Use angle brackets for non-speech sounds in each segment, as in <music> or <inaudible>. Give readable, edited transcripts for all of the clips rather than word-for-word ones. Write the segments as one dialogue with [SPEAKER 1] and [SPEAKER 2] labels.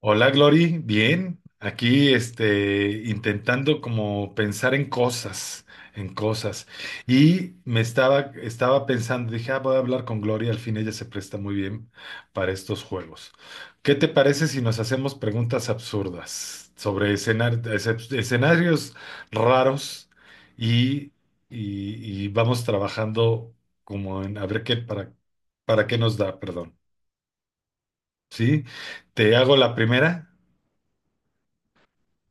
[SPEAKER 1] Hola Glory, bien, aquí intentando como pensar en cosas. Y me estaba pensando, dije, ah, voy a hablar con Glory, al fin ella se presta muy bien para estos juegos. ¿Qué te parece si nos hacemos preguntas absurdas sobre escenarios raros y, y- y vamos trabajando como en, a ver qué, para qué nos da, perdón, ¿sí? Te hago la primera.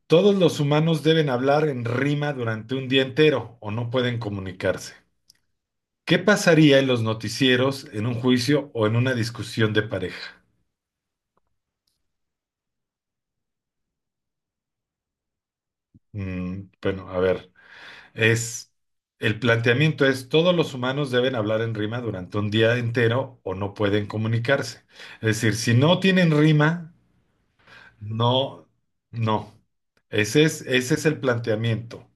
[SPEAKER 1] Todos los humanos deben hablar en rima durante un día entero o no pueden comunicarse. ¿Qué pasaría en los noticieros, en un juicio o en una discusión de pareja? Bueno, a ver, es el planteamiento es todos los humanos deben hablar en rima durante un día entero o no pueden comunicarse. Es decir, si no tienen rima, no, no. Ese es el planteamiento.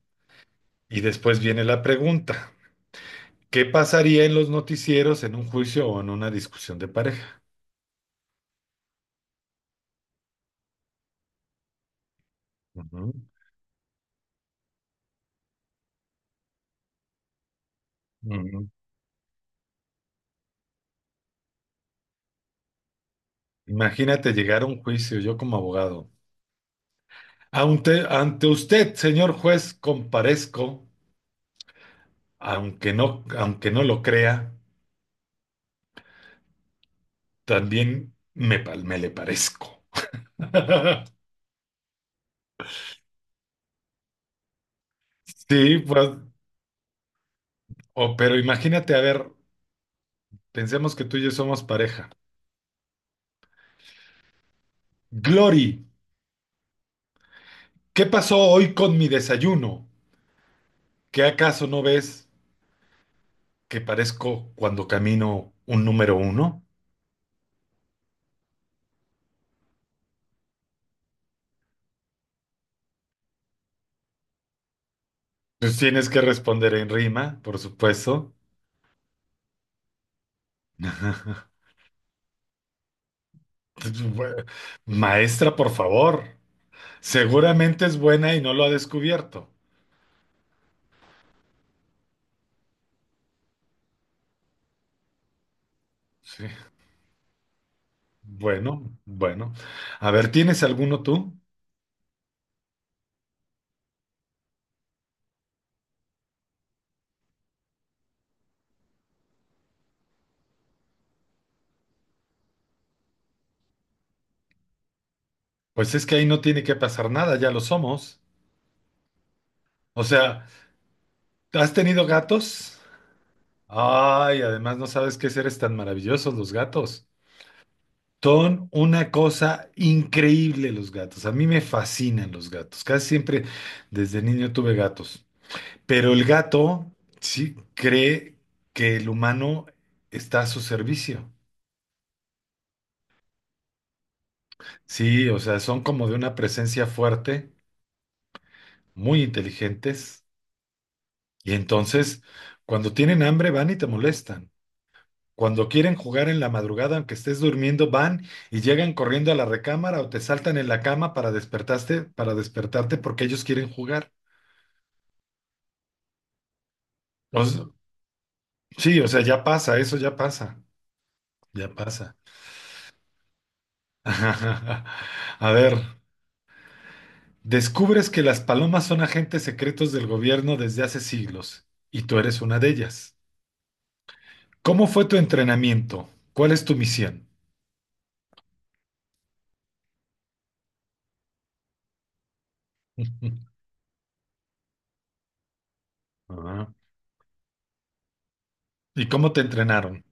[SPEAKER 1] Y después viene la pregunta. ¿Qué pasaría en los noticieros, en un juicio o en una discusión de pareja? Ujú, ujú. Imagínate llegar a un juicio, yo como abogado. Ante usted, señor juez, comparezco, aunque no lo crea, también me le parezco. <laughs> Sí, pues, pero imagínate, a ver, pensemos que tú y yo somos pareja. Glory, ¿qué pasó hoy con mi desayuno? ¿Qué acaso no ves que parezco cuando camino un número uno? Pues tienes que responder en rima, por supuesto. <laughs> Maestra, por favor. Seguramente es buena y no lo ha descubierto. Sí. Bueno, bueno. A ver, ¿tienes alguno tú? Pues es que ahí no tiene que pasar nada, ya lo somos. O sea, ¿has tenido gatos? Ay, además no sabes qué seres tan maravillosos los gatos. Son una cosa increíble los gatos. A mí me fascinan los gatos. Casi siempre desde niño tuve gatos. Pero el gato sí cree que el humano está a su servicio. Sí, o sea, son como de una presencia fuerte, muy inteligentes. Y entonces, cuando tienen hambre, van y te molestan. Cuando quieren jugar en la madrugada, aunque estés durmiendo, van y llegan corriendo a la recámara o te saltan en la cama para despertarte porque ellos quieren jugar. O s- sí, o sea, ya pasa, eso ya pasa, ya pasa. <laughs> A ver, descubres que las palomas son agentes secretos del gobierno desde hace siglos y tú eres una de ellas. ¿Cómo fue tu entrenamiento? ¿Cuál es tu misión? <laughs> Ah, ¿y cómo te entrenaron?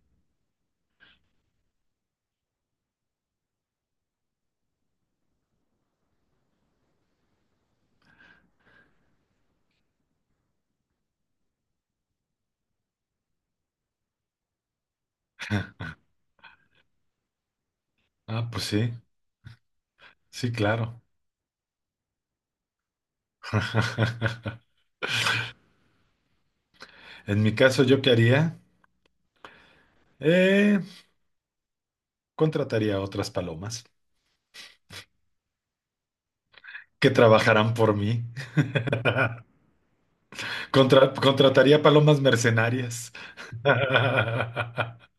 [SPEAKER 1] Ah, pues sí, sí, claro. <laughs> En mi caso, ¿yo qué haría? Eh, Contrataría a otras palomas que trabajarán por mí. Contrataría palomas mercenarias. <laughs>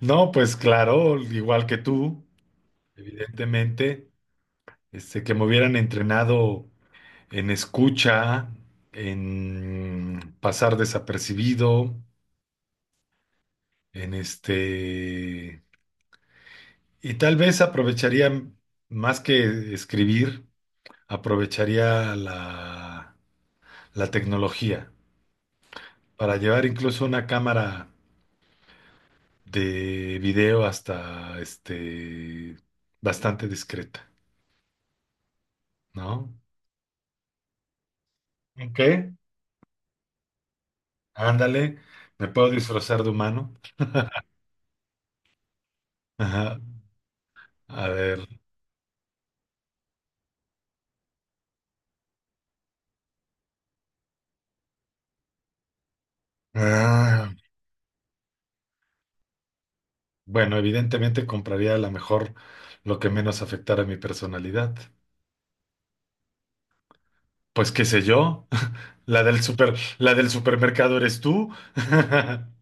[SPEAKER 1] No, pues claro, igual que tú, evidentemente, que me hubieran entrenado en escucha, en pasar desapercibido, en este, y tal vez aprovecharía más que escribir, aprovecharía la tecnología para llevar incluso una cámara de video hasta bastante discreta, ¿no? Ok. Ándale, me puedo disfrazar de humano. Ajá, a ver. Ah, bueno, evidentemente compraría a lo mejor lo que menos afectara a mi personalidad. Pues qué sé yo, <laughs> la del supermercado eres tú. <laughs>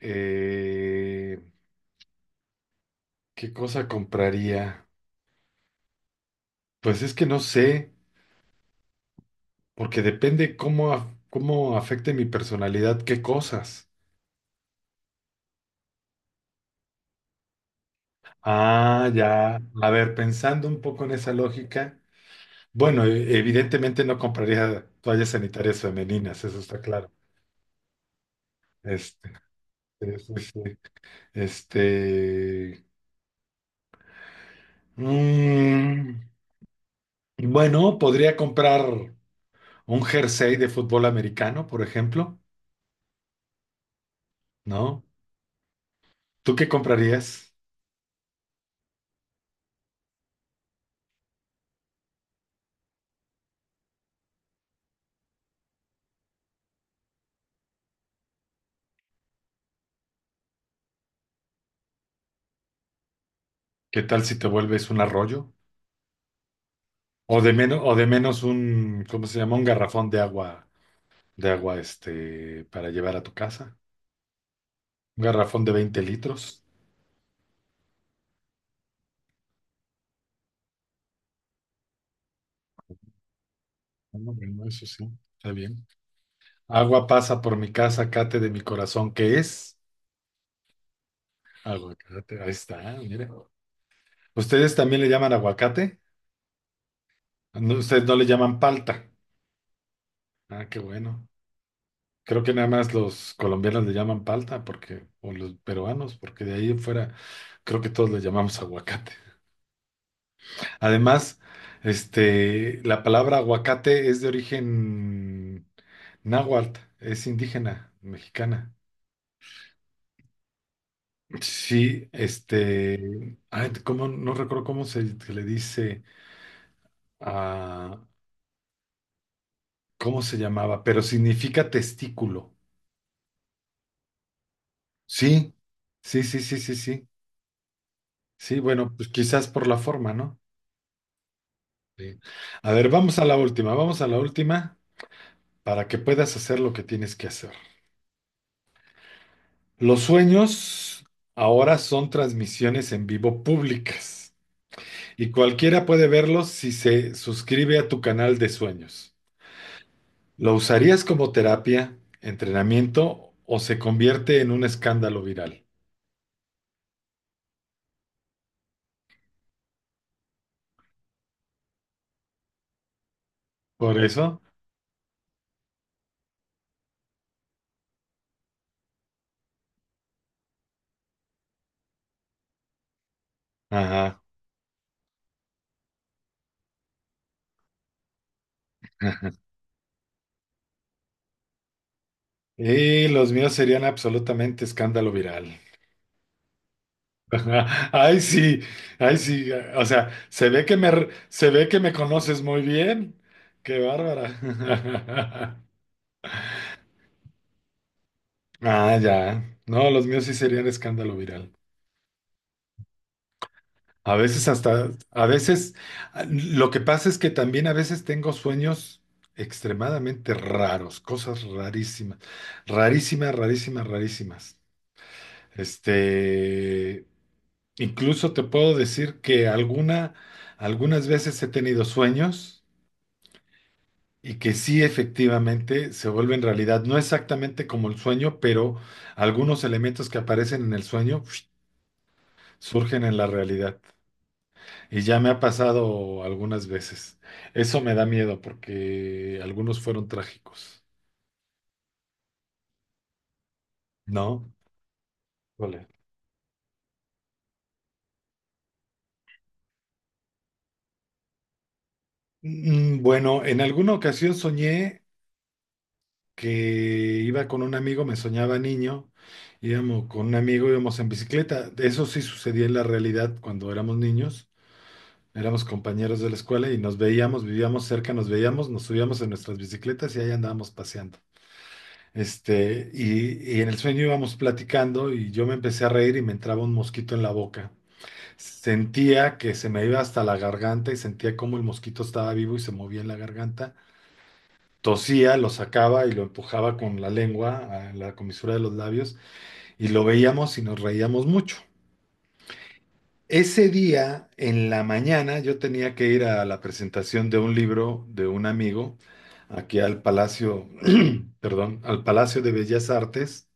[SPEAKER 1] Eh, ¿Qué cosa compraría? Pues es que no sé. Porque depende cómo afecte mi personalidad, qué cosas. Ah, ya. A ver, pensando un poco en esa lógica, bueno, evidentemente no compraría toallas sanitarias femeninas, eso está claro. Este, sí, sí, sí. Este, mm, bueno, podría comprar un jersey de fútbol americano, por ejemplo, ¿no? ¿Tú qué comprarías? ¿Qué tal si te vuelves un arroyo? O de menos un, ¿cómo se llama? Un garrafón de agua, para llevar a tu casa. Un garrafón de 20 litros. Bueno, bueno, eso sí, está bien. Agua pasa por mi casa, cate de mi corazón, ¿qué es? Aguacate, ahí está, mire. ¿Ustedes también le llaman aguacate? No, ustedes no le llaman palta. Ah, qué bueno. Creo que nada más los colombianos le llaman palta, porque, o los peruanos, porque de ahí en fuera, creo que todos le llamamos aguacate. Además, la palabra aguacate es de origen náhuatl, es indígena mexicana. Sí, ay, no recuerdo cómo se le dice a, cómo se llamaba, pero significa testículo. Sí, sí, sí, sí, sí, sí. Sí, bueno, pues quizás por la forma, ¿no? Sí. A ver, vamos a la última para que puedas hacer lo que tienes que hacer. Los sueños ahora son transmisiones en vivo públicas y cualquiera puede verlos si se suscribe a tu canal de sueños. ¿Lo usarías como terapia, entrenamiento o se convierte en un escándalo viral? Por eso, ajá. <laughs> Ajá. Y los míos serían absolutamente escándalo viral. <laughs> Ajá. Ay, sí, ay, sí. O sea, se ve que me conoces muy bien. Qué bárbara. <laughs> Ah, ya. No, los míos sí serían escándalo viral. A veces, ah, lo que pasa es que también a veces tengo sueños extremadamente raros, cosas rarísimas, rarísimas, rarísimas, rarísimas. Este, Incluso te puedo decir que algunas veces he tenido sueños y que sí efectivamente se vuelven realidad. No exactamente como el sueño, pero algunos elementos que aparecen en el sueño <sniffs> surgen en la realidad. Y ya me ha pasado algunas veces. Eso me da miedo porque algunos fueron trágicos, ¿no? Vale. Bueno, en alguna ocasión soñé que iba con un amigo, me soñaba niño, íbamos con un amigo, íbamos en bicicleta. Eso sí sucedía en la realidad cuando éramos niños, éramos compañeros de la escuela y nos veíamos, vivíamos cerca, nos veíamos, nos subíamos en nuestras bicicletas y ahí andábamos paseando. Y en el sueño íbamos platicando y yo me empecé a reír y me entraba un mosquito en la boca. Sentía que se me iba hasta la garganta y sentía como el mosquito estaba vivo y se movía en la garganta. Tosía, lo sacaba y lo empujaba con la lengua a la comisura de los labios y lo veíamos y nos reíamos mucho. Ese día, en la mañana, yo tenía que ir a la presentación de un libro de un amigo aquí al Palacio, <clears throat> perdón, al Palacio de Bellas Artes,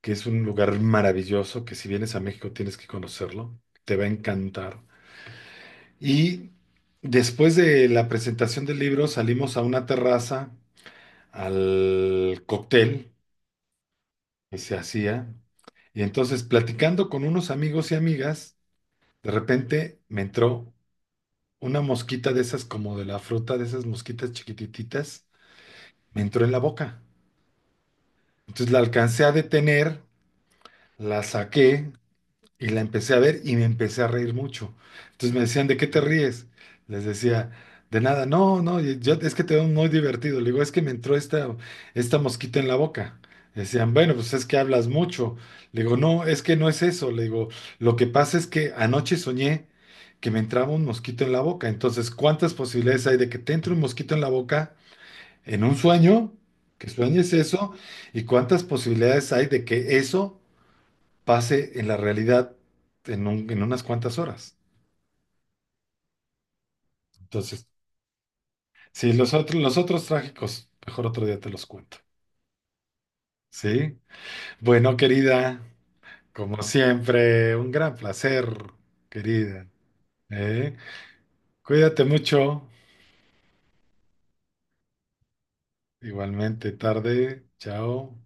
[SPEAKER 1] que es un lugar maravilloso, que si vienes a México tienes que conocerlo, te va a encantar. Y después de la presentación del libro salimos a una terraza, al cóctel que se hacía, y entonces platicando con unos amigos y amigas, de repente me entró una mosquita de esas como de la fruta, de esas mosquitas chiquitititas, me entró en la boca. Entonces la alcancé a detener, la saqué y la empecé a ver y me empecé a reír mucho. Entonces me decían, ¿de qué te ríes? Les decía, de nada, no, no, y yo, es que te veo muy divertido. Le digo, es que me entró esta mosquita en la boca. Decían, bueno, pues es que hablas mucho. Le digo, no, es que no es eso. Le digo, lo que pasa es que anoche soñé que me entraba un mosquito en la boca. Entonces, ¿cuántas posibilidades hay de que te entre un mosquito en la boca en un sueño? Que sueñes eso. ¿Y cuántas posibilidades hay de que eso pase en la realidad en, en unas cuantas horas? Entonces, sí, los otros trágicos, mejor otro día te los cuento. ¿Sí? Bueno, querida, como siempre, un gran placer, querida. ¿Eh? Cuídate mucho. Igualmente, tarde. Chao.